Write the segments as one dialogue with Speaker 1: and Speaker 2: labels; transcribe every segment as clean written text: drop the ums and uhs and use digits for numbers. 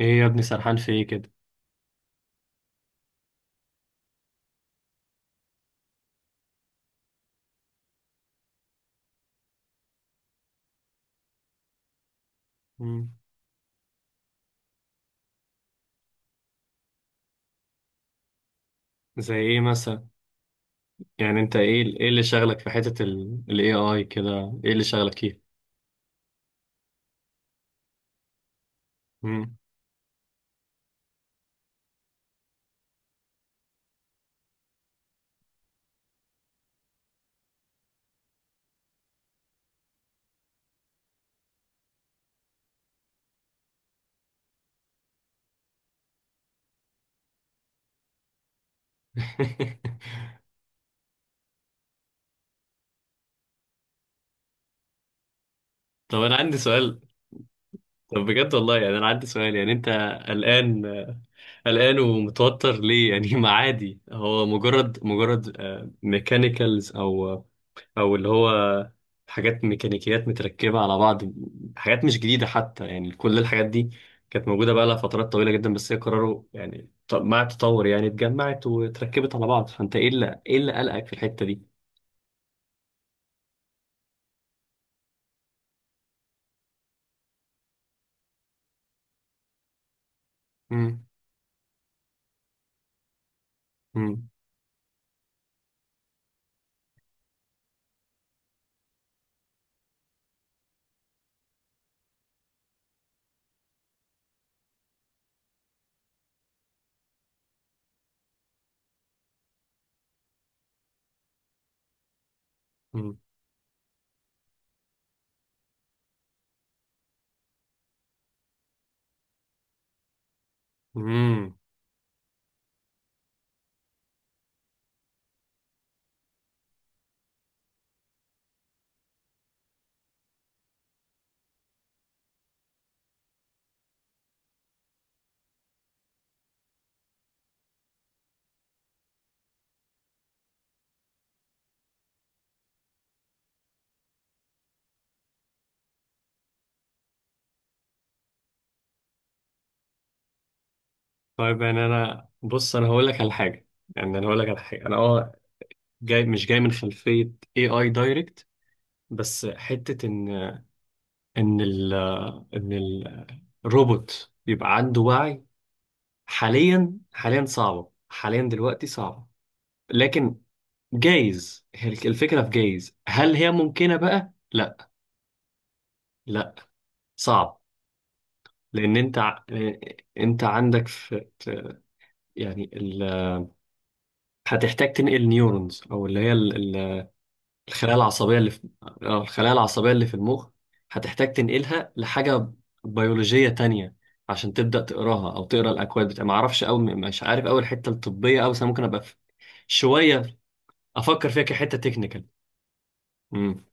Speaker 1: ايه يا ابني، سرحان في ايه كده؟ مم. زي ايه مثلا؟ يعني انت ايه اللي شغلك في حتة ال AI كده؟ ايه اللي شغلك فيه؟ مم. طب انا عندي سؤال. طب بجد والله، يعني انا عندي سؤال، يعني انت قلقان قلقان ومتوتر ليه يعني؟ ما عادي، هو مجرد ميكانيكالز او اللي هو حاجات ميكانيكيات متركبه على بعض. حاجات مش جديده حتى، يعني كل الحاجات دي كانت موجوده بقى لها فترات طويله جدا، بس هي قرروا يعني مع التطور يعني اتجمعت واتركبت على بعض. فانت ايه اللي قلقك في الحته دي؟ امم. امم. امم. أمم. طيب، يعني انا بص انا هقول لك على حاجه. يعني انا هقول لك على حاجه. انا جاي، مش جاي من خلفيه اي دايركت، بس حته ان ال ان الروبوت يبقى عنده وعي. حاليا صعبة، حاليا دلوقتي صعبة، لكن جايز هي الفكرة في، جايز هل هي ممكنة بقى؟ لا، لا، صعب. لأن أنت عندك في يعني ال... هتحتاج تنقل نيورونز، أو اللي هي الخلايا العصبية اللي في، أو الخلايا العصبية اللي في المخ. هتحتاج تنقلها لحاجة بيولوجية تانية عشان تبدأ تقراها أو تقرا الأكواد بتاع. معرفش أوي، مش عارف أوي الحتة الطبية أوي، بس أنا ممكن أبقى شوية افكر فيها كحته تكنيكال. امم.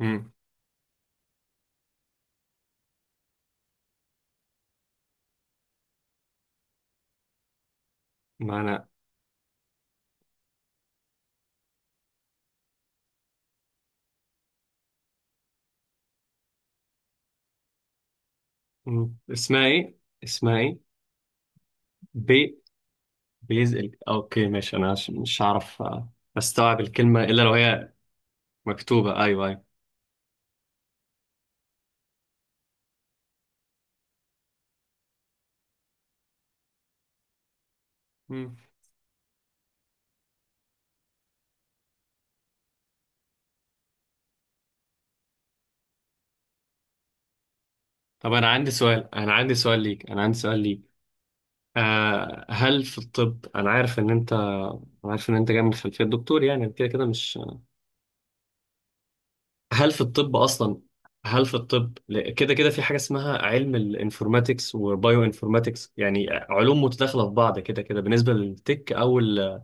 Speaker 1: امم. معنى. مم. اسمها ايه؟ اسمها ايه؟ بي بيزل، اوكي، ماشي. انا مش هعرف استوعب الكلمه الا لو هي مكتوبه. ايوه، ايوه. مم. طب انا عندي سؤال، انا عندي سؤال ليك انا عندي سؤال ليك هل في الطب، انا عارف ان انت أنا عارف ان انت جاي من خلفيه دكتور يعني كده كده مش؟ هل في الطب اصلا؟ هل في الطب كده كده في حاجه اسمها علم الانفورماتكس وبايو انفورماتكس، يعني علوم متداخله في بعض كده كده بالنسبه للتك او ال...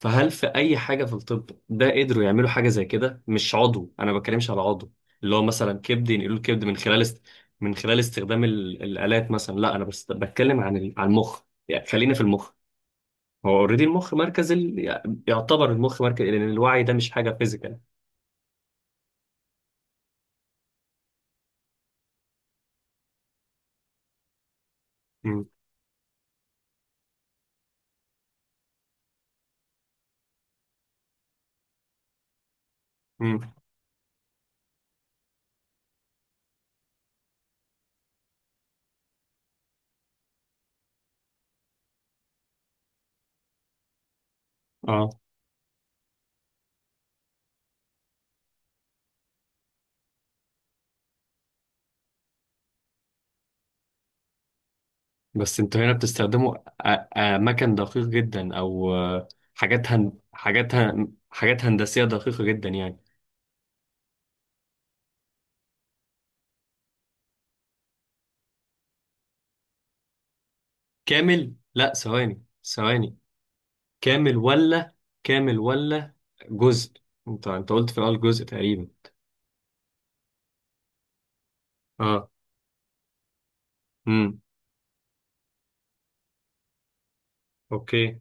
Speaker 1: فهل في اي حاجه في الطب ده قدروا يعملوا حاجه زي كده؟ مش عضو، انا ما بتكلمش على عضو اللي هو مثلا كبد ينقلوا الكبد من خلال من خلال استخدام ال... الالات مثلا. لا، انا بس بتكلم عن ال... عن المخ، يعني خلينا في المخ. هو اوريدي المخ مركز ال... يعتبر المخ مركز، لان الوعي ده مش حاجه فيزيكال. امم. امم. بس انتوا هنا بتستخدموا اماكن دقيق جدا، او حاجات هندسية دقيقة جدا يعني. كامل؟ لا، ثواني، ثواني. كامل ولا كامل ولا جزء؟ انت قلت في الاول جزء تقريبا. اه. امم. اوكي.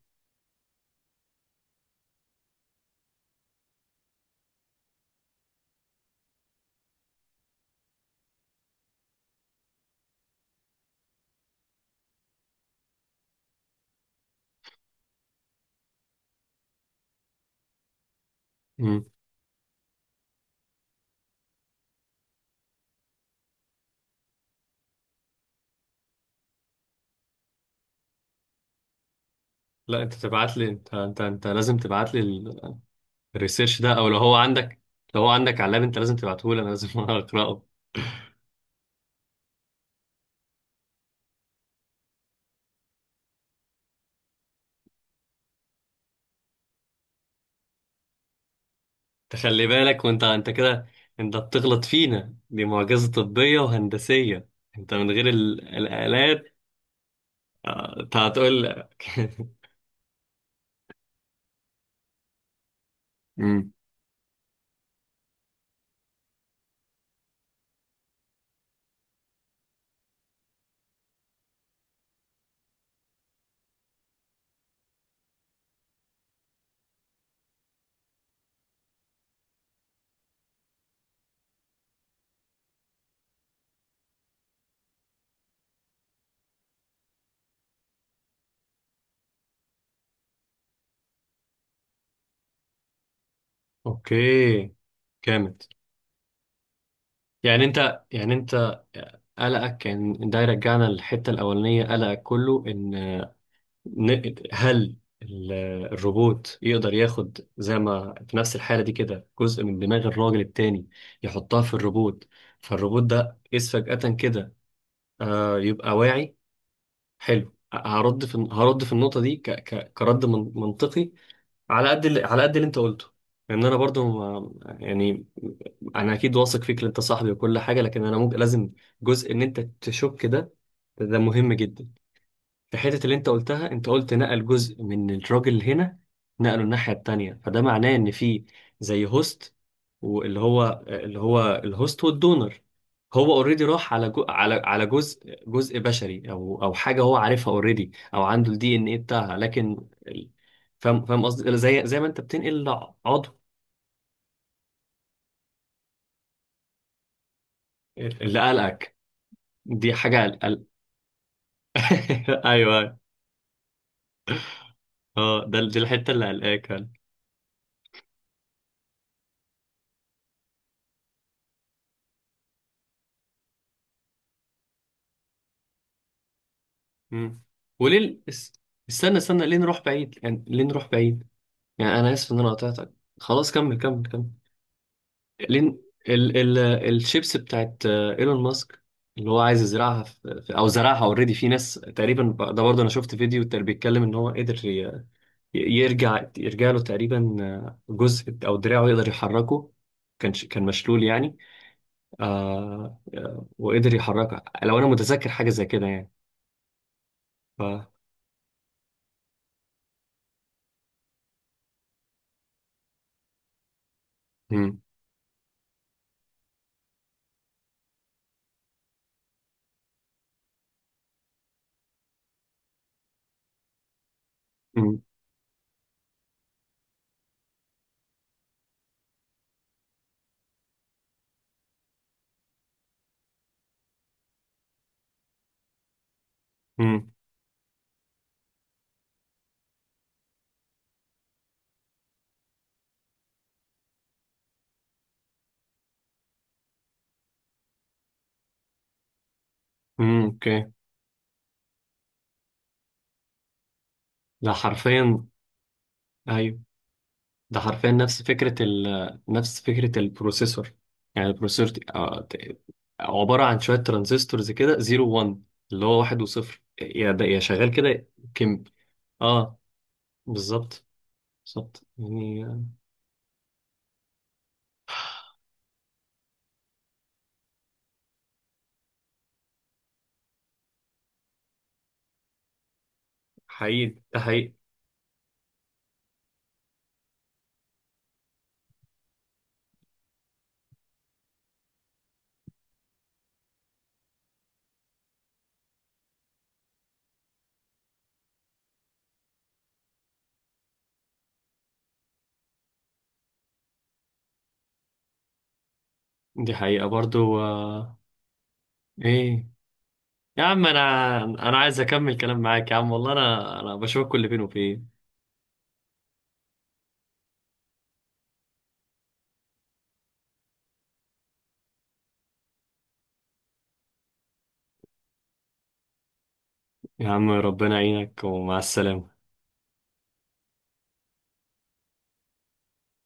Speaker 1: امم. لا، انت تبعت لي، انت لازم تبعت لي. الريسيرش ده، او لو هو عندك علاب، انت لازم تبعته لي، انا لازم اقراه. تخلي بالك، وانت كده انت بتغلط فينا. دي معجزة طبية وهندسية، انت من غير الآلات. انت هتقول مم. اوكي، جامد. يعني انت، قلقك كان ده يرجعنا للحتة الأولانية. قلقك كله إن هل ال- الروبوت يقدر ياخد، زي ما في نفس الحالة دي كده، جزء من دماغ الراجل التاني يحطها في الروبوت، فالروبوت ده إذ فجأة كده يبقى واعي. حلو. هرد في النقطة دي كرد منطقي، على قد اللي انت قلته. لان انا برضو ما... يعني انا اكيد واثق فيك إن انت صاحبي وكل حاجة، لكن انا ممكن لازم جزء ان انت تشك ده. ده مهم جدا. في حتة اللي انت قلتها، انت قلت نقل جزء من الراجل هنا، نقله الناحية التانية، فده معناه ان في زي هوست، واللي هو اللي هو الهوست والدونر. هو اوريدي راح على جو، على جزء بشري، او حاجة هو عارفها اوريدي، او عنده الدي ان ايه بتاعها، لكن فاهم قصدي، زي ما انت بتنقل عضو. اللي قلقك، دي حاجة قلق. ايوه. اه ده دي الحتة اللي قلقاك. مم. وليه استنى، استنى، ليه نروح بعيد؟ يعني ليه نروح بعيد؟ يعني انا اسف ان انا قطعتك. خلاص، كمل، كمل، كمل. ليه ن- ال ال الشيبس بتاعت ايلون ماسك، اللي هو عايز يزرعها في او زرعها اوريدي في ناس تقريبا ده برضه انا شفت فيديو تقريبا بيتكلم ان هو قدر يرجع له تقريبا جزء، او دراعه يقدر يحركه. كان مشلول يعني. وقدر يحركها لو انا متذكر حاجه زي كده يعني. ف مم. مم. مم. مم. اوكي. ده حرفيا... ايوه، ده حرفيا نفس فكرة نفس فكرة البروسيسور. يعني البروسيسور عبارة عن شوية ترانزستورز كده، زيرو وان، اللي هو واحد وصفر، يا ده يا شغال كده. كم. اه، بالظبط. بالظبط يعني حقيقي، ده حقيقي. دي حقيقة برضو آه. ايه؟ يا عم انا، عايز اكمل كلام معاك يا عم والله، انا بشوفك كل فين وفين. يا عم، ربنا يعينك ومع السلامة.